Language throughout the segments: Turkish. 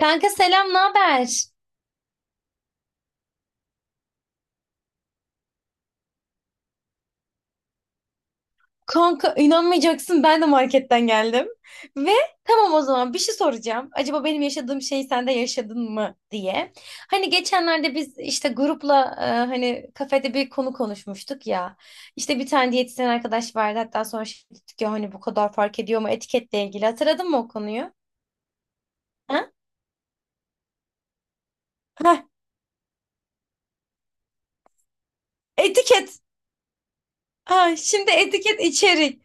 Kanka selam, ne haber? Kanka inanmayacaksın ben de marketten geldim. Ve tamam o zaman bir şey soracağım. Acaba benim yaşadığım şeyi sen de yaşadın mı diye. Hani geçenlerde biz işte grupla hani kafede bir konu konuşmuştuk ya. İşte bir tane diyetisyen arkadaş vardı. Hatta sonra şey dedik ya hani bu kadar fark ediyor mu etiketle ilgili. Hatırladın mı o konuyu? Ha? Heh, etiket. Aa, şimdi etiket içerik.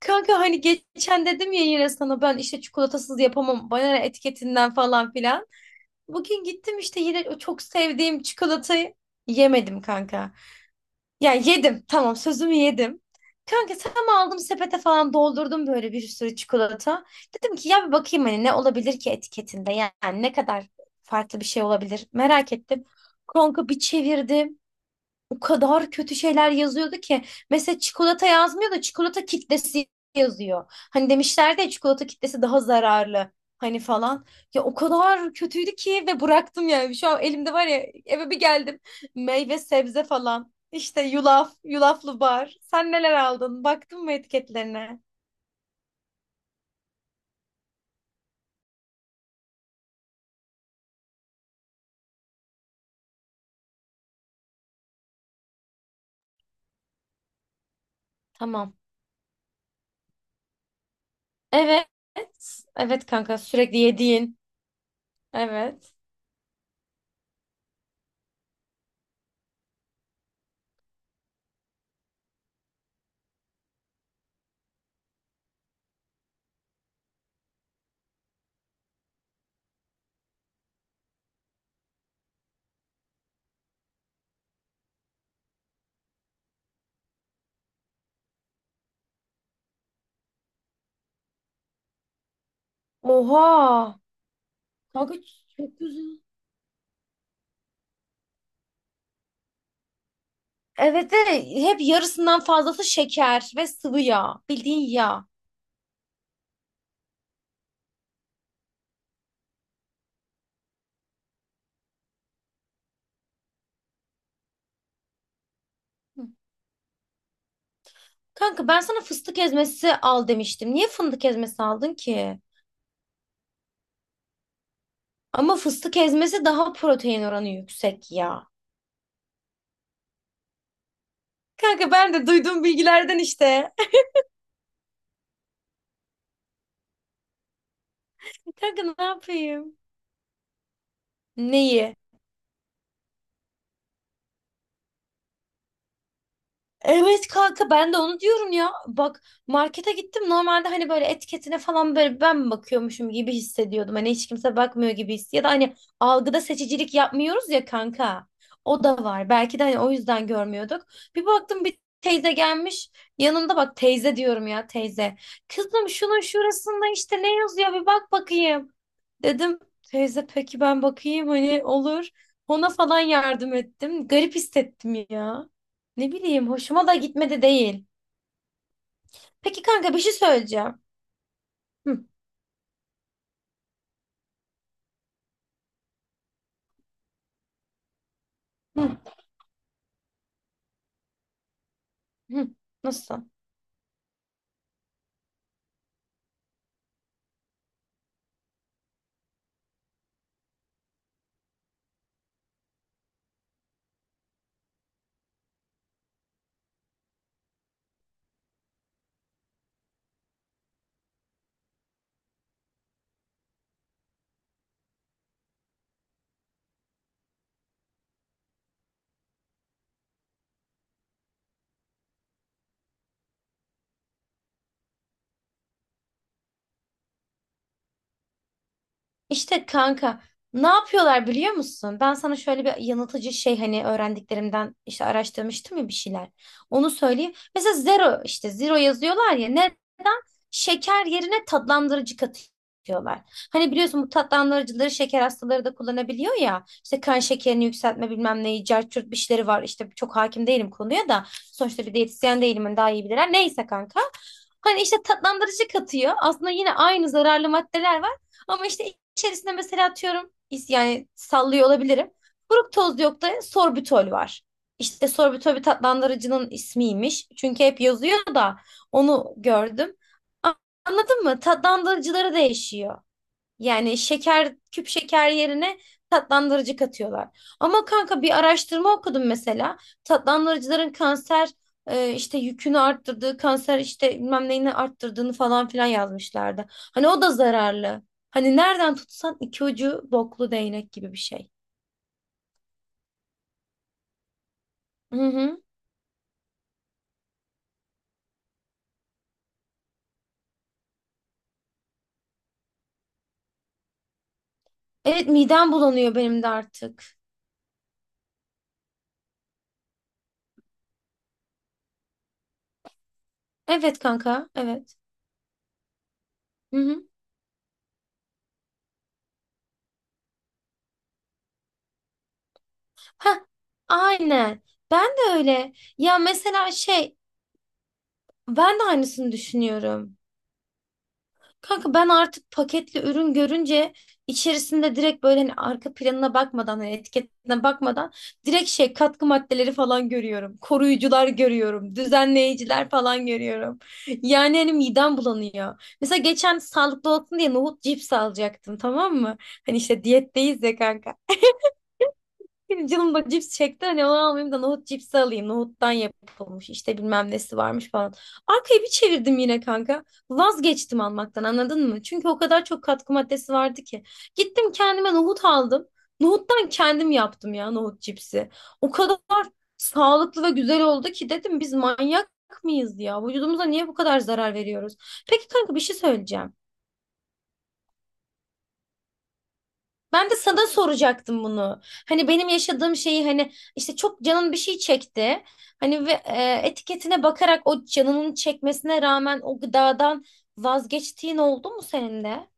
Kanka hani geçen dedim ya yine sana ben işte çikolatasız yapamam. Bana ne etiketinden falan filan. Bugün gittim işte yine o çok sevdiğim çikolatayı yemedim kanka. Ya yedim tamam sözümü yedim. Kanka tam aldım sepete falan doldurdum böyle bir sürü çikolata. Dedim ki ya bir bakayım hani ne olabilir ki etiketinde yani ne kadar farklı bir şey olabilir merak ettim. Kanka bir çevirdim o kadar kötü şeyler yazıyordu ki. Mesela çikolata yazmıyor da çikolata kitlesi yazıyor. Hani demişlerdi ya çikolata kitlesi daha zararlı. Hani falan. Ya o kadar kötüydü ki ve bıraktım yani. Şu an elimde var ya eve bir geldim. Meyve sebze falan. İşte yulaf, yulaflı bar. Sen neler aldın? Baktın mı etiketlerine? Tamam. Evet. Evet kanka sürekli yediğin. Evet. Oha. Kanka çok güzel. Evet de hep yarısından fazlası şeker ve sıvı yağ. Bildiğin yağ. Hı. Kanka ben sana fıstık ezmesi al demiştim. Niye fındık ezmesi aldın ki? Ama fıstık ezmesi daha protein oranı yüksek ya. Kanka ben de duyduğum bilgilerden işte. Kanka ne yapayım? Neyi? Evet kanka ben de onu diyorum ya. Bak markete gittim. Normalde hani böyle etiketine falan böyle ben mi bakıyormuşum gibi hissediyordum. Hani hiç kimse bakmıyor gibi his. Ya da hani algıda seçicilik yapmıyoruz ya kanka. O da var. Belki de hani o yüzden görmüyorduk. Bir baktım bir teyze gelmiş. Yanında bak teyze diyorum ya teyze. Kızım şunun şurasında işte ne yazıyor bir bak bakayım. Dedim teyze peki ben bakayım hani olur. Ona falan yardım ettim. Garip hissettim ya. Ne bileyim hoşuma da gitmedi değil. Peki kanka bir şey söyleyeceğim. Hı, hı, hı. Nasıl? İşte kanka ne yapıyorlar biliyor musun? Ben sana şöyle bir yanıltıcı şey hani öğrendiklerimden işte araştırmıştım ya bir şeyler. Onu söyleyeyim. Mesela zero işte zero yazıyorlar ya neden? Şeker yerine tatlandırıcı katıyorlar. Hani biliyorsun bu tatlandırıcıları şeker hastaları da kullanabiliyor ya. İşte kan şekerini yükseltme bilmem neyi cart curt bir şeyleri var. İşte çok hakim değilim konuya da. Sonuçta bir diyetisyen değilim hani daha iyi bilirler. Neyse kanka. Hani işte tatlandırıcı katıyor. Aslında yine aynı zararlı maddeler var. Ama işte İçerisinde mesela atıyorum yani sallıyor olabilirim. Fruktoz yok da sorbitol var. İşte sorbitol bir tatlandırıcının ismiymiş. Çünkü hep yazıyor da onu gördüm. A- Anladın mı? Tatlandırıcıları değişiyor. Yani şeker, küp şeker yerine tatlandırıcı katıyorlar. Ama kanka bir araştırma okudum mesela. Tatlandırıcıların kanser işte yükünü arttırdığı, kanser işte bilmem neyini arttırdığını falan filan yazmışlardı. Hani o da zararlı. Hani nereden tutsan iki ucu boklu değnek gibi bir şey. Hı hı. Evet midem bulanıyor benim de artık. Evet kanka, evet. Hı hı. Heh, aynen. Ben de öyle. Ya mesela şey, ben de aynısını düşünüyorum. Kanka ben artık paketli ürün görünce içerisinde direkt böyle hani arka planına bakmadan hani etiketine bakmadan direkt şey katkı maddeleri falan görüyorum. Koruyucular görüyorum. Düzenleyiciler falan görüyorum. Yani hani midem bulanıyor. Mesela geçen sağlıklı olsun diye nohut cips alacaktım tamam mı? Hani işte diyetteyiz ya kanka. Benim canım da cips çekti. Hani onu almayayım da nohut cipsi alayım. Nohuttan yapılmış. İşte bilmem nesi varmış falan. Arkayı bir çevirdim yine kanka. Vazgeçtim almaktan anladın mı? Çünkü o kadar çok katkı maddesi vardı ki. Gittim kendime nohut aldım. Nohuttan kendim yaptım ya nohut cipsi. O kadar sağlıklı ve güzel oldu ki dedim biz manyak mıyız ya? Vücudumuza niye bu kadar zarar veriyoruz? Peki kanka bir şey söyleyeceğim. Ben de sana soracaktım bunu. Hani benim yaşadığım şeyi hani işte çok canın bir şey çekti. Hani ve etiketine bakarak o canının çekmesine rağmen o gıdadan vazgeçtiğin oldu mu senin de?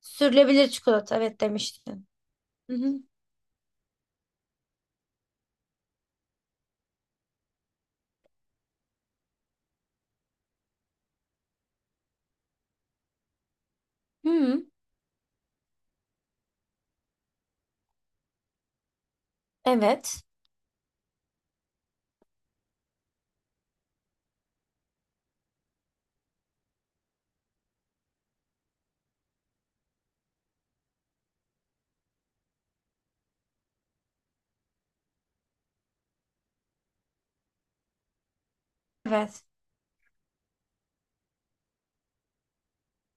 Sürülebilir çikolata evet demiştin. Hı hı. Hı, evet. Evet.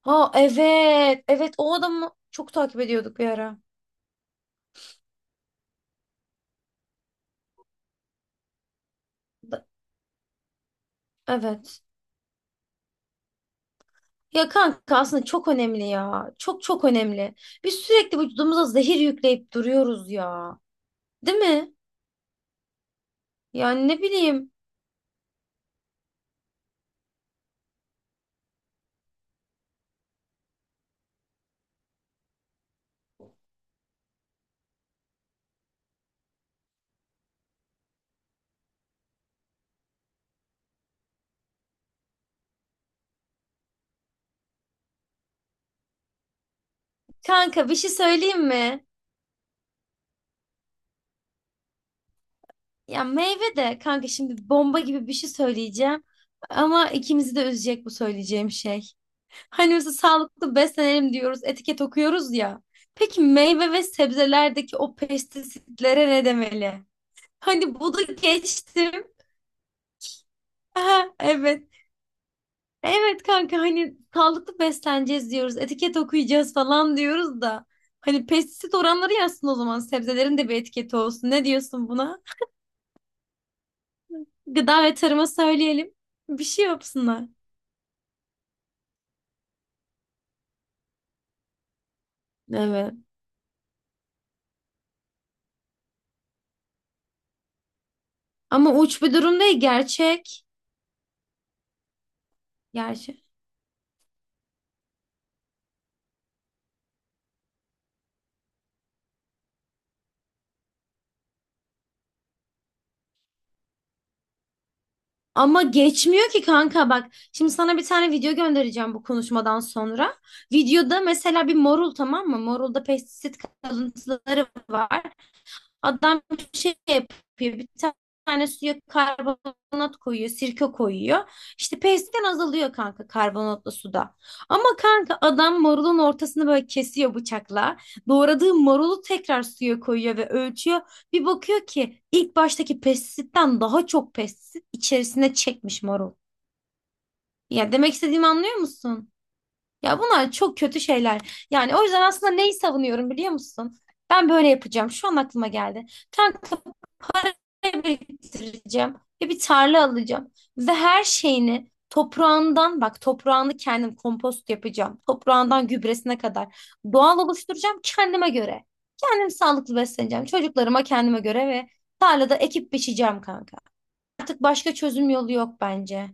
Ha evet. Evet o adamı çok takip ediyorduk bir ara. Da- Evet. Ya kanka aslında çok önemli ya. Çok çok önemli. Biz sürekli vücudumuza zehir yükleyip duruyoruz ya. Değil mi? Ya ne bileyim kanka bir şey söyleyeyim mi? Ya meyve de kanka şimdi bomba gibi bir şey söyleyeceğim. Ama ikimizi de üzecek bu söyleyeceğim şey. Hani mesela sağlıklı beslenelim diyoruz, etiket okuyoruz ya. Peki meyve ve sebzelerdeki o pestisitlere ne demeli? Hani bunu geçtim. Aha, evet. Evet kanka hani sağlıklı besleneceğiz diyoruz, etiket okuyacağız falan diyoruz da. Hani pestisit oranları yazsın o zaman sebzelerin de bir etiketi olsun. Ne diyorsun buna? Gıda ve Tarım'a söyleyelim. Bir şey yapsınlar. Evet. Ama uç bir durum değil gerçek. Gerçek. Ama geçmiyor ki kanka bak. Şimdi sana bir tane video göndereceğim bu konuşmadan sonra. Videoda mesela bir morul tamam mı? Morulda pestisit kalıntıları var. Adam bir şey yapıyor. Bir tane suya karbonat koyuyor, sirke koyuyor. İşte peyzden azalıyor kanka karbonatlı suda. Ama kanka adam marulun ortasını böyle kesiyor bıçakla. Doğradığı marulu tekrar suya koyuyor ve ölçüyor. Bir bakıyor ki ilk baştaki pestisitten daha çok pestisit içerisine çekmiş marul. Ya demek istediğimi anlıyor musun? Ya bunlar çok kötü şeyler. Yani o yüzden aslında neyi savunuyorum biliyor musun? Ben böyle yapacağım. Şu an aklıma geldi. Kanka biriktireceğim ve bir tarla alacağım. Ve her şeyini toprağından bak toprağını kendim kompost yapacağım. Toprağından gübresine kadar doğal oluşturacağım kendime göre. Kendim sağlıklı besleneceğim. Çocuklarıma kendime göre ve tarlada ekip biçeceğim kanka. Artık başka çözüm yolu yok bence.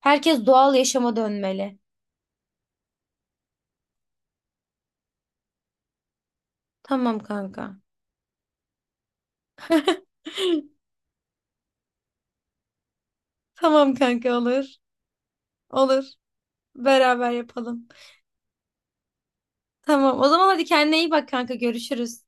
Herkes doğal yaşama dönmeli. Tamam kanka. Tamam kanka olur. Olur. Beraber yapalım. Tamam. O zaman hadi kendine iyi bak kanka. Görüşürüz.